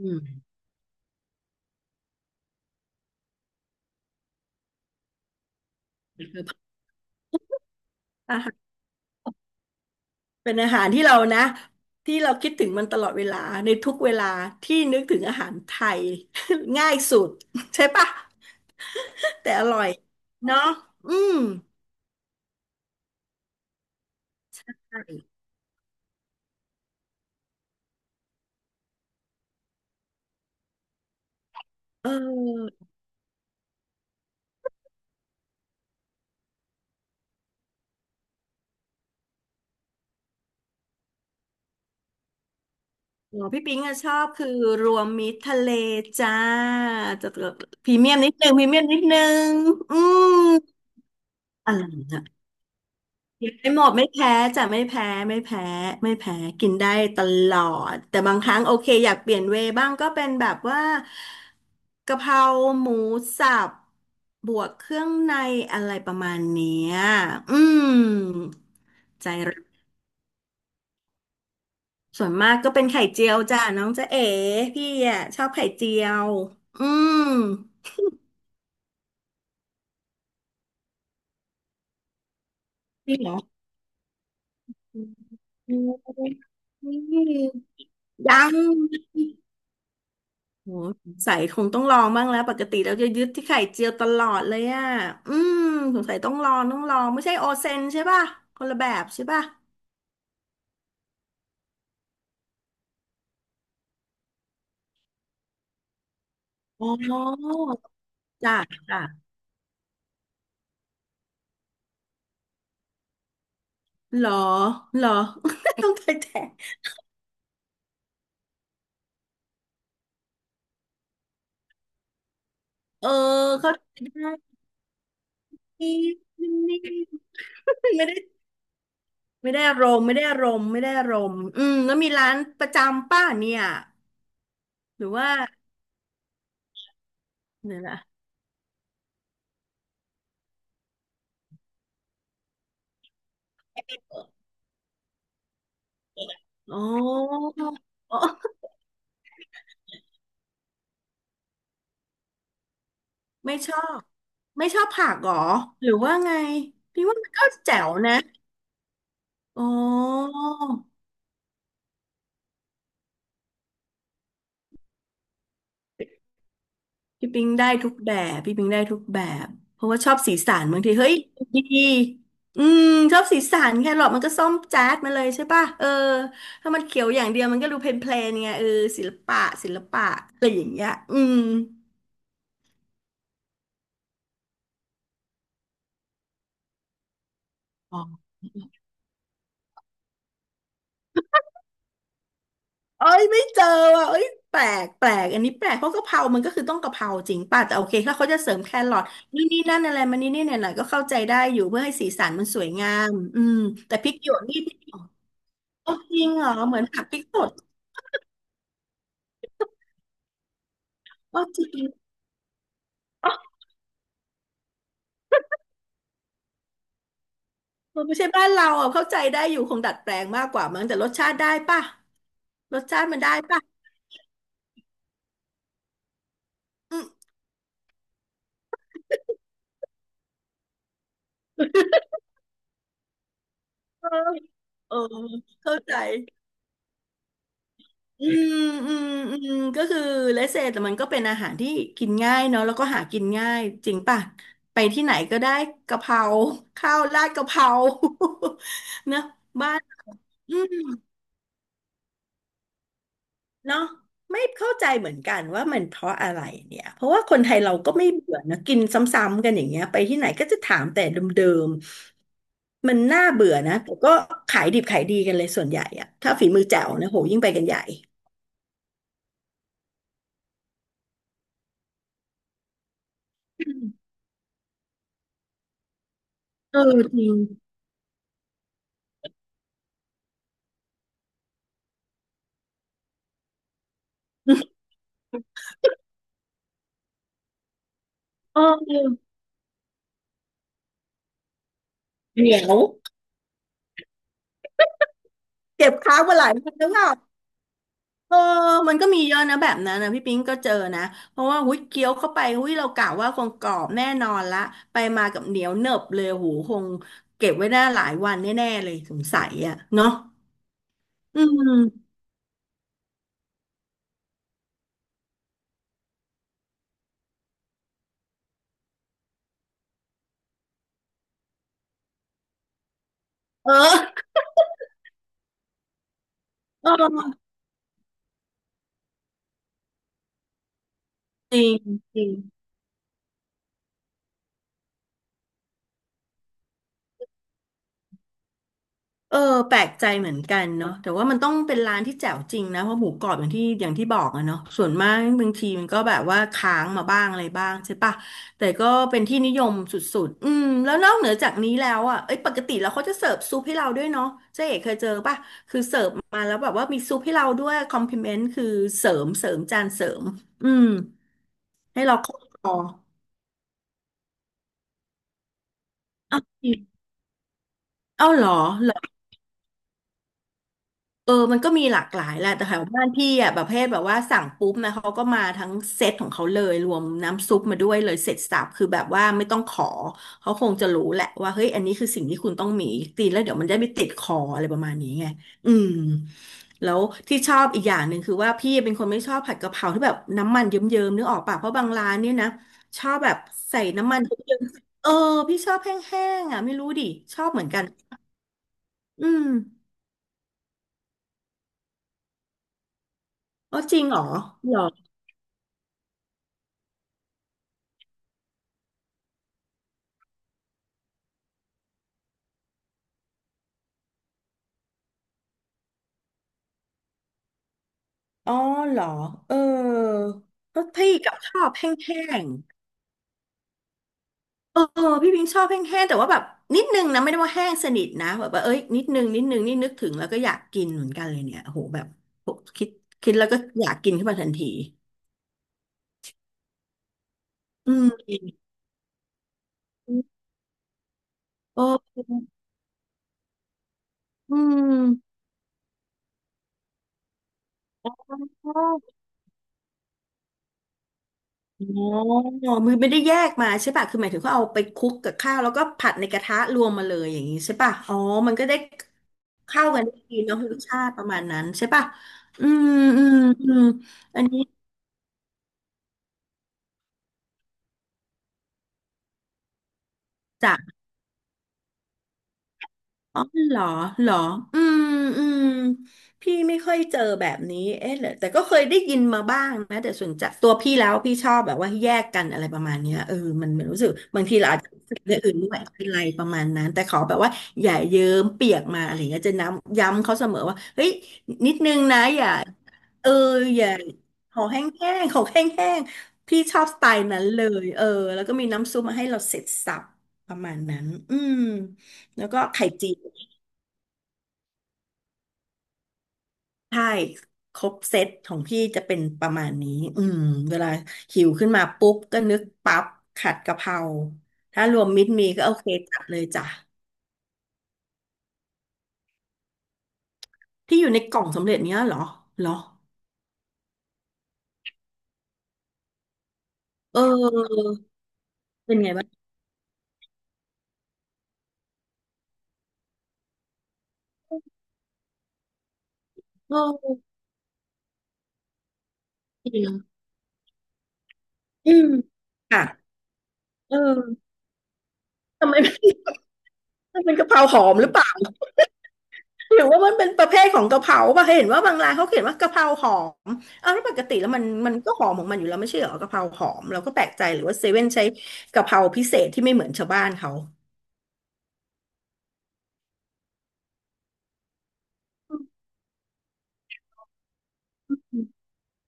อืมคืออาหารเป็นอาหารที่เรานะที่เราคิดถึงมันตลอดเวลาในทุกเวลาที่นึกถึงอาหารไทย ง่ายสุดใช่ปะ แต่อร่อยเนาะอืมใช่เออหมอพี่ปิ๊งอะชอบคือรวมมิตรทะเลจ้าจะพรีเมียมนิดนึงอืมอะไรนะ ไม่หมดไม่แพ้จะไม่แพ้ไม่แพ้กินได้ตลอดแต่บางครั้งโอเคอยากเปลี่ยนเวย์บ้างก็เป็นแบบว่ากะเพราหมูสับบวกเครื่องในอะไรประมาณเนี้ยอืมใจรักส่วนมากก็เป็นไข่เจียวจ้ะน้องจ๊ะเอ๋พี่อ่ะชอบไข่เจียวอืมจริงเหรออืมยัง โหใส่คงต้องลองบ้างแล้วปกติเราจะยึดที่ไข่เจียวตลอดเลยอ่ะอืมสงสัยต้องลองไม่ใช่โอเซนใช่ป่ะคนละแบบใช่ป่ะอ๋อจ้ะจ้ะเหรอเหรอ ต้องเค่แตนเออเขาใจได้นี่นี่ไม่ได้ไม่ได้อารมณ์ไม่ได้อารมณ์อืมแล้วมีร้านประจำป้าเนี่ยหรือว่าเนี่ยนะอ๋ออ๋อไม่ชอบ ไม่ชอบผักเหรอหรือว่าไงพี่ว่ามันก็แจ๋วนะอ๋อพี่ปิงได้ทุกแบบเพราะว่าชอบสีสันบางทีเฮ้ยดีอืมชอบสีสันแครอทมันก็ส้มจ๊าดมาเลยใช่ป่ะเออถ้ามันเขียวอย่างเดียวมันก็ดูเพลนๆไงเออศิลปะศิลปะอะไรอย่างเงี้ยอืมอ๋อ เอ้ยไม่เจอว่ะเอ้ยแปลกอันนี้แปลกเพราะกะเพรามันก็คือต้องกะเพราจริงป่ะแต่โอเคถ้าเขาจะเสริมแครอทนี่นนี่นั่นอะไรมานนี่นี่หน่อยๆก็เข้าใจได้อยู่เพื่อให้สีสันมันสวยงามอืมแต่พริกหยวกนี่โอ้จริงเหรอเหมือนผักพริกสดอ๋อจริงอ๋อมันไม่ใช่บ้านเราอ่ะเข้าใจได้อยู่คงดัดแปลงมากกว่ามั้งแต่รสชาติได้ป่ะรสชาติมันได้ป่ะอืมเออเออเข้าใจ อืมอืมอืมก็คือเลสเซแต่มันก็เป็นอาหารที่กินง่ายเนาะแล้วก็หากินง่ายจริงป่ะไปที่ไหนก็ได้กะเพราข้าวราดกะเพรา นะบ้านอืมเนาะไม่เข้าใจเหมือนกันว่ามันเพราะอะไรเนี่ยเพราะว่าคนไทยเราก็ไม่เบื่อนะกินซ้ำๆกันอย่างเงี้ยไปที่ไหนก็จะถามแต่เดิมๆมันน่าเบื่อนะแต่ก็ขายดิบขายดีกันเลยส่วนใหญ่อะถ้าฝีมือแจ๋วนะโหยิ่งไปกันใหญ่อืมเออจริง เออเดี๋ยว เก็บค้างมาหลายวันแล้วแบบเออมันก็มีเยอะนะแบบนั้นนะพี่ปิ๊งก็เจอนะเพราะว่าหุ้ยเคี้ยวเข้าไปหุ้ยเรากะว่าคงกรอบแน่นอนละไปมากับเหนียวเนนบเลยโหูคงเก็บไว้ได้หลายวันแน่ๆเลยสงสัยอ่ะเนาะอืมเออเออจริงจริง เออแปลกใจเหมือนกันเนาะแต่ว่ามันต้องเป็นร้านที่แจ๋วจริงนะเพราะหมูกรอบอย่างที่บอกอะเนาะส่วนมากบางทีมันก็แบบว่าค้างมาบ้างอะไรบ้างใช่ปะแต่ก็เป็นที่นิยมสุดๆอืมแล้วนอกเหนือจากนี้แล้วอะเอ้ยปกติแล้วเขาจะเสิร์ฟซุปให้เราด้วยเนาะเจ๊เอกเคยเจอปะคือเสิร์ฟมาแล้วแบบว่ามีซุปให้เราด้วยคอมพลเมนต์คือเสริมจานเสริมอืมให้เราเข้าคออ้าวจริงเอาเหรอ เออมันก็มีหลากหลายแหละแต่แถวบ้านพี่อ่ะแบบประเภทแบบว่าสั่งปุ๊บนะเขาก็มาทั้งเซตของเขาเลยรวมน้ำซุปมาด้วยเลยเสร็จสรรพคือแบบว่าไม่ต้องขอเขาคงจะรู้แหละว่าเฮ้ยอันนี้คือสิ่งที่คุณต้องมีตีแล้วเดี๋ยวมันจะไม่ติดคออะไรประมาณนี้ไงอืมแล้วที่ชอบอีกอย่างหนึ่งคือว่าพี่เป็นคนไม่ชอบผัดกะเพราที่แบบน้ำมันเยิ้มๆนึกออกปะเพราะบางร้านเนี่ยนะชอบแบบใส่น้ำมันเยิ้มๆเออพี่ชอบแห้งๆอ่ะไม่รู้ดิชอบเหมือนกันอืมอ๋อจริงเหรอเหรอ อ๋อเหรอเออเพพี่กับชอบแห้งๆเออพี่พิงชอบแห้งๆแต่ว่าแบบนิดนึงนะไม่ได้ว่าแห้งสนิทนะแบบว่าเอ้ยนิดนึงนิดนึงนี่นึกถึงแล้วก็อยากกินเหมือนกันเลยเนี่ยโอ้โหแบบคิดคิดแล้วก็อยากกินขึ้นมาทันทีอืมโอ้อืม อ๋อมือไม่ได้แยกมาใช่ป่ะ คือหมายถึงเขาเอาไปคลุกกับข้าวแล้วก็ผัดในกระทะรวมมาเลยอย่างนี้ใช่ป่ะ อ๋อมันก็ได้เข้ากันได้ดีเนาะรสชาติประมาณนั้นใช่ป่ะ อืมอืมอืมอันนี้จาก อ๋อเหรอเหรออืมอืมพี่ไม่ค่อยเจอแบบนี้เอ๊ะเหรอแต่ก็เคยได้ยินมาบ้างนะแต่ส่วนจะตัวพี่แล้วพี่ชอบแบบว่าแยกกันอะไรประมาณเนี้ยเออมันรู้สึกบางทีเราอาจจะรู้สึกเร่องอื่นด้วยอะไรประมาณนั้นแต่ขอแบบว่าอย่าเยิ้มเปียกมาอะไรเงี้ยจะน้ำย้ำเขาเสมอว่าเฮ้ยนิดนึงนะอย่าเอออย่าขอแห้งๆขอแห้งๆพี่ชอบสไตล์นั้นเลยเออแล้วก็มีน้ำซุปมาให้เราเสร็จสับประมาณนั้นอืมแล้วก็ไข่เจียว ใช่ครบเซตของพี่จะเป็นประมาณนี้อืมเวลาหิวขึ้นมาปุ๊บก็นึกปั๊บขัดกะเพราถ้ารวมมิตรมีก็โอเคจัดเลยจ้ะ ที่อยู่ในกล่องสำเร็จเนี้ยเหรอเหรอ เออเป็นไงบ้างเออจริงอืมค่ะเออทำไมไม่ มันเป็นกะเพราหอมหรือเปล่า หรือว่ามันเป็นประเภทของกะเพราป่ะเห็นว่าบางร้านเขาเขียนว่ากะเพราหอมอ้าวแล้วปกติแล้วมันก็หอมของมันอยู่แล้วไม่ใช่เหรอกะเพราหอมเราก็แปลกใจหรือว่าเซเว่นใช้กะเพราพิเศษที่ไม่เหมือนชาวบ้านเขา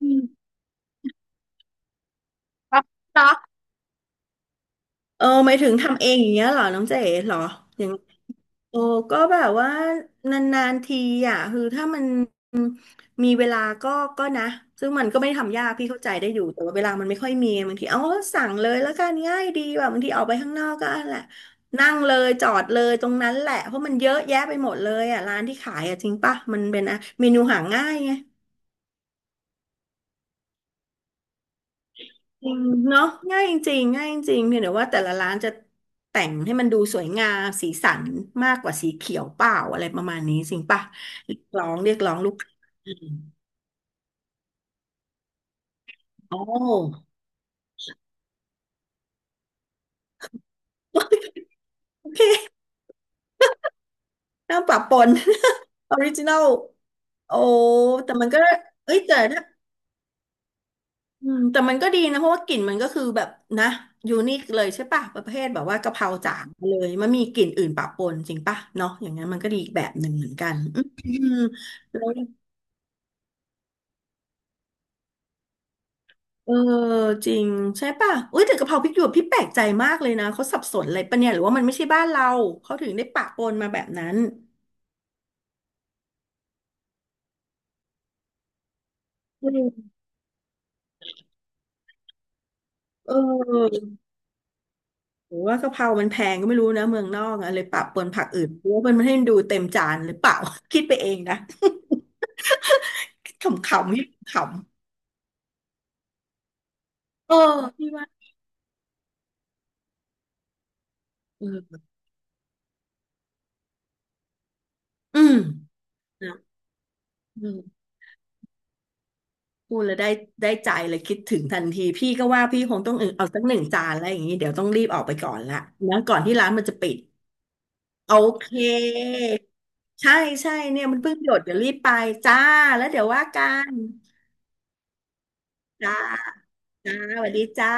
อืมครับเนาะเออหมายถึงทำเองอย่างเงี้ยเหรอน้องเจ๋เหรอยัง โอ้ก็แบบว่านานๆทีอ่ะคือถ้ามันมีเวลาก็ก็นะซึ่งมันก็ไม่ได้ทำยากพี่เข้าใจได้อยู่แต่ว่าเวลามันไม่ค่อยมีบางทีเอาสั่งเลยแล้วกันง่ายดีแบบบางทีออกไปข้างนอกก็นั่นแหละนั่งเลยจอดเลยตรงนั้นแหละเพราะมันเยอะแยะไปหมดเลยอ่ะร้านที่ขายอ่ะจริงป่ะมันเป็นอะเมนูหาง่ายไง จริงเนาะง่ายจริงๆง่ายจริงเพียงแต่ว่าแต่ละร้านจะแต่งให้มันดูสวยงามสีสันมากกว่าสีเขียวเปล่าอะไรประมาณนี้จริงป่ะเรียกร้องเรียกร้องลูกค้าอืมโอ้โอเคน้ำปะปน ออริจินอลโอ้แต่มันก็เอ้ยแต่ถ้าอืมแต่มันก็ดีนะเพราะว่ากลิ่นมันก็คือแบบนะยูนิคเลยใช่ป่ะประเภทแบบว่ากะเพราจางเลยมันมีกลิ่นอื่นปะปนจริงป่ะเนาะอย่างนั้นมันก็ดีอีกแบบหนึ่งเหมือนกันอืม เออจริงใช่ป่ะอุ้ยแต่กะเพราพริกหยวกพี่แปลกใจมากเลยนะเขาสับสนอะไรปะเนี่ยหรือว่ามันไม่ใช่บ้านเราเขาถึงได้ปะปนมาแบบนั้นอืมเออหรือว่ากะเพรามันแพงก็ไม่รู้นะเมืองนอกอะเลยปะปนผักอื่นเพราะว่ามันไม่ให้ดูเต็มจานหรือเปล่า คิดไปเองนะ ขำๆพี่ขำๆเออพี่ว่าเอออืมนะอืมพูดแล้วได้ได้ใจเลยคิดถึงทันทีพี่ก็ว่าพี่คงต้องเออเอาสักหนึ่งจานอะไรอย่างนี้เดี๋ยวต้องรีบออกไปก่อนละนะก่อนที่ร้านมันจะปิด โอเคใช่ใช่เนี่ยมันเพิ่งหยดเดี๋ยวรีบไปจ้าแล้วเดี๋ยวว่ากันจ้าจ้าสวัสดีจ้า